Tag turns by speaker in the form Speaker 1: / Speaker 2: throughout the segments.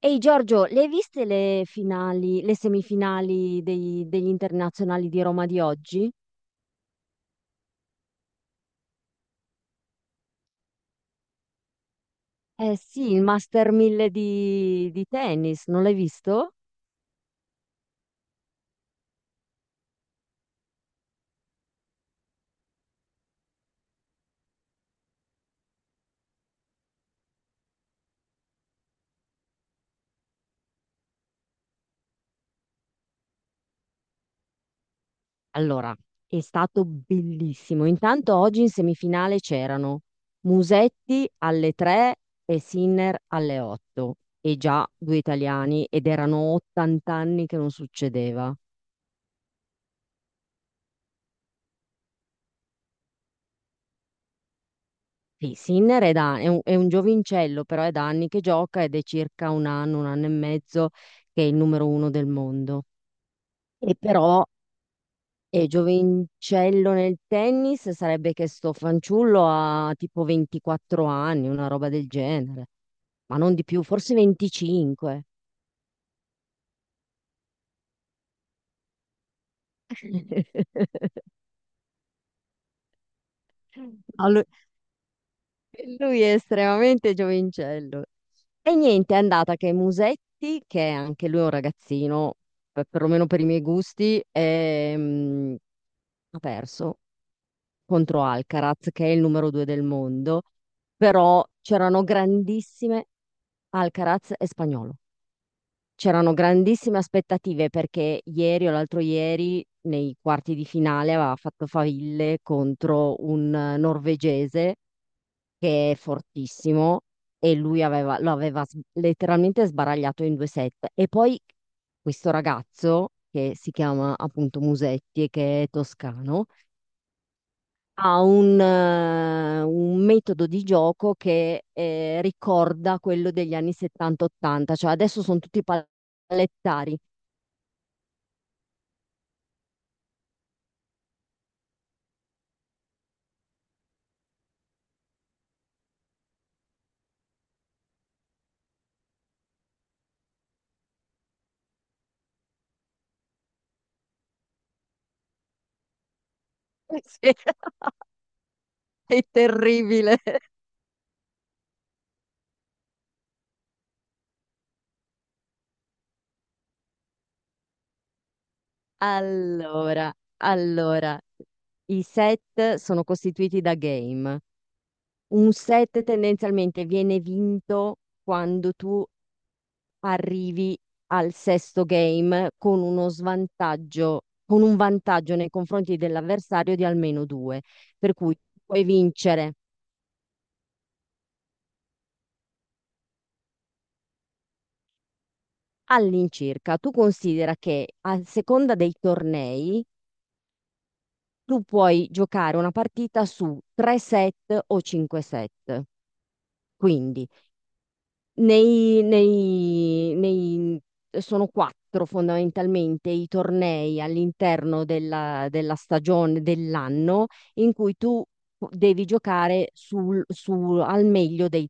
Speaker 1: Ehi Giorgio, le hai viste le finali, le semifinali degli internazionali di Roma di oggi? Eh sì, il Master 1000 di tennis, non l'hai visto? Allora, è stato bellissimo. Intanto oggi in semifinale c'erano Musetti alle 3 e Sinner alle 8, e già due italiani, ed erano 80 anni che non succedeva. Sì, Sinner è un giovincello, però è da anni che gioca ed è circa un anno e mezzo che è il numero uno del mondo. E però è giovincello nel tennis, sarebbe che sto fanciullo ha tipo 24 anni, una roba del genere, ma non di più, forse 25. Allu- Lui è estremamente giovincello. E niente, è andata che Musetti, che è anche lui un ragazzino, perlomeno per i miei gusti, ha perso contro Alcaraz, che è il numero due del mondo, però c'erano grandissime Alcaraz e Spagnolo. C'erano grandissime aspettative perché ieri o l'altro ieri, nei quarti di finale, aveva fatto faville contro un norvegese che è fortissimo, e lui lo aveva letteralmente sbaragliato in due set. E poi questo ragazzo, che si chiama appunto Musetti e che è toscano, ha un metodo di gioco che ricorda quello degli anni 70-80, cioè adesso sono tutti pallettari. È terribile. Allora, allora, i set sono costituiti da game. Un set tendenzialmente viene vinto quando tu arrivi al sesto game con uno svantaggio, con un vantaggio nei confronti dell'avversario di almeno due, per cui puoi vincere all'incirca. Tu considera che a seconda dei tornei tu puoi giocare una partita su tre set o cinque set. Quindi. Nei sono 4 fondamentalmente i tornei all'interno della stagione dell'anno in cui tu devi giocare sul su al meglio dei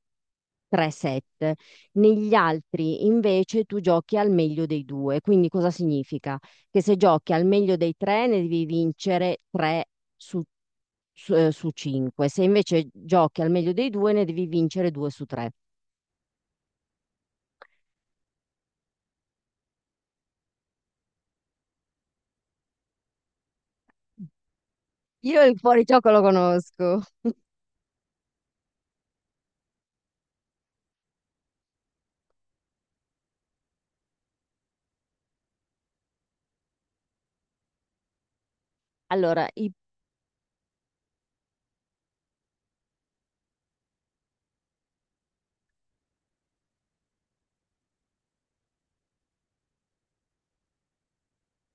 Speaker 1: 3 set. Negli altri invece tu giochi al meglio dei 2. Quindi cosa significa? Che se giochi al meglio dei 3 ne devi vincere 3 su su 5. Se invece giochi al meglio dei 2 ne devi vincere 2 su 3. Io il fuorigioco lo conosco. Allora,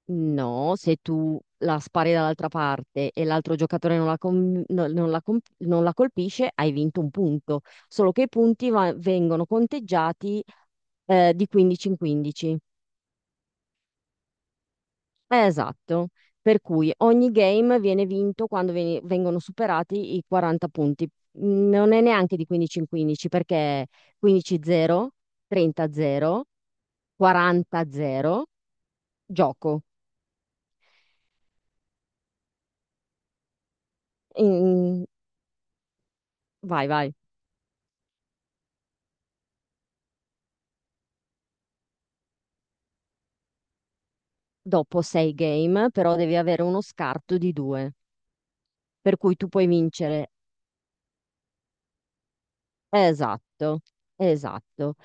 Speaker 1: no, se tu la spari dall'altra parte e l'altro giocatore non la, non la colpisce, hai vinto un punto. Solo che i punti vengono conteggiati di 15 in 15. Esatto. Per cui ogni game viene vinto quando vengono superati i 40 punti. Non è neanche di 15 in 15 perché 15-0, 30-0, 40-0, gioco. In- Vai, vai. Dopo sei game, però devi avere uno scarto di due, per cui tu puoi vincere. Esatto, esatto.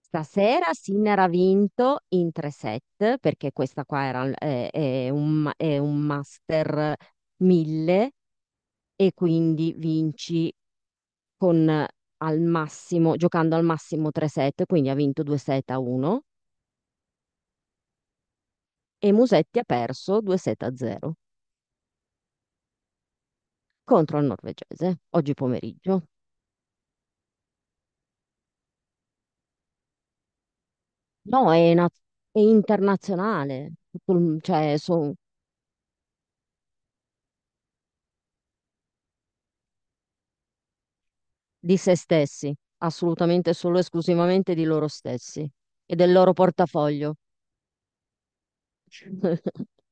Speaker 1: Stasera Sinner ha vinto in tre set, perché questa qua era, è un, ma- è un Master 1000, e quindi vinci con al massimo, giocando al massimo tre set, quindi ha vinto 2 set a 1 e Musetti ha perso 2 set a 0 contro il norvegese oggi pomeriggio. No, è internazionale, cioè sono di se stessi, assolutamente solo e esclusivamente di loro stessi e del loro portafoglio.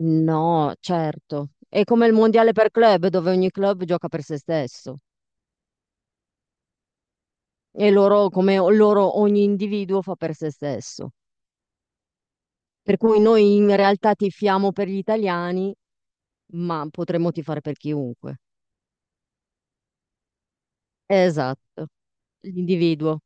Speaker 1: No, certo. È come il mondiale per club, dove ogni club gioca per se stesso e loro, loro, ogni individuo fa per se stesso. Per cui noi in realtà tifiamo per gli italiani, ma potremmo tifare per chiunque. Esatto, l'individuo.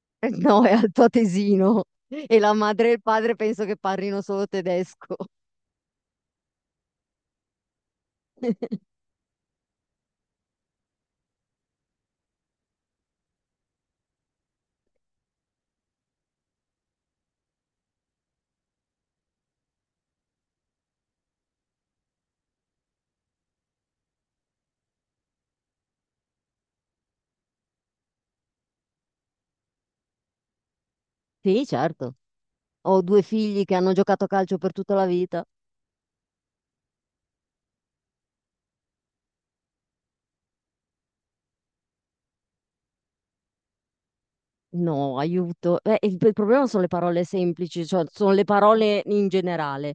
Speaker 1: No, è altoatesino e la madre e il padre penso che parlino solo tedesco. Sì, certo. Ho due figli che hanno giocato a calcio per tutta la vita. No, aiuto. Il problema sono le parole semplici, cioè sono le parole in generale.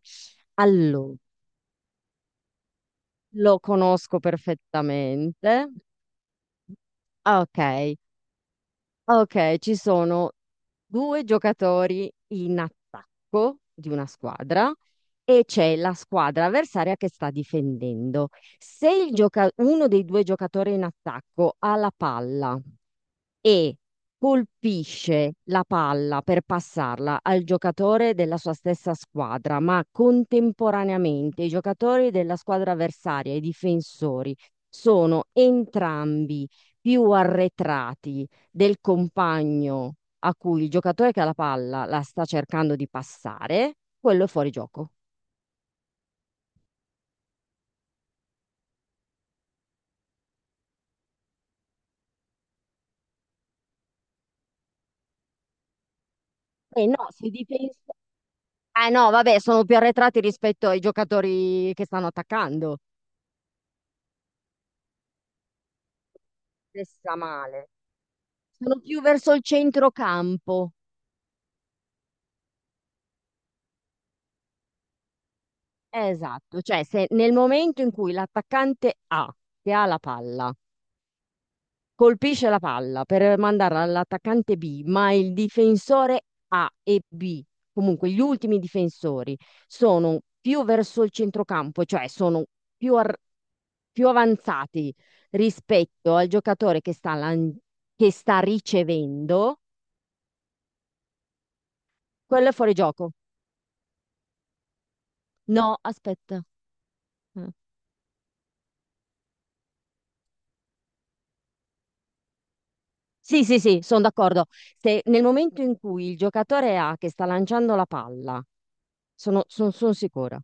Speaker 1: Allora, lo conosco perfettamente. Ok, ok, ci sono due giocatori in attacco di una squadra, e c'è la squadra avversaria che sta difendendo. Se uno dei due giocatori in attacco ha la palla e colpisce la palla per passarla al giocatore della sua stessa squadra, ma contemporaneamente i giocatori della squadra avversaria, e i difensori, sono entrambi più arretrati del compagno a cui il giocatore che ha la palla la sta cercando di passare, quello è fuori gioco. Eh no, se difensa. Eh no, vabbè, sono più arretrati rispetto ai giocatori che stanno attaccando. Stessa male. Sono più verso il centrocampo. Esatto, cioè se nel momento in cui l'attaccante A, che ha la palla, colpisce la palla per mandarla all'attaccante B, ma il difensore A e B, comunque gli ultimi difensori, sono più verso il centrocampo, cioè sono più, ar- più avanzati rispetto al giocatore che sta ricevendo, quello è fuori gioco. No, aspetta. Eh. Sì, sì, sì, sono d'accordo. Se nel momento in cui il giocatore A che sta lanciando la palla, sono sicura.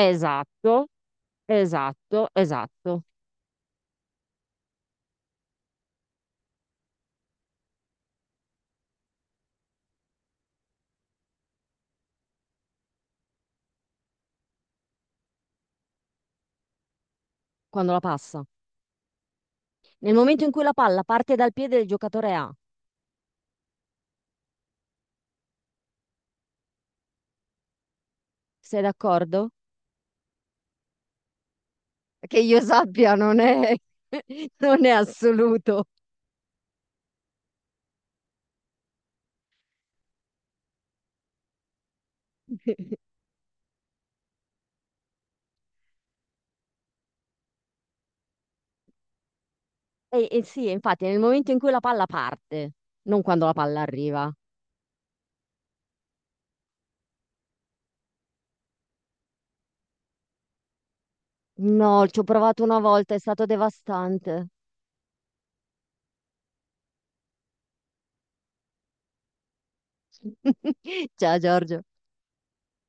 Speaker 1: Esatto, esatto, esatto. Quando la passa. Nel momento in cui la palla parte dal piede del giocatore A, sei d'accordo? Che io sappia, non è, non è assoluto. E sì, infatti, nel momento in cui la palla parte, non quando la palla arriva. No, ci ho provato una volta, è stato devastante. Ciao Giorgio.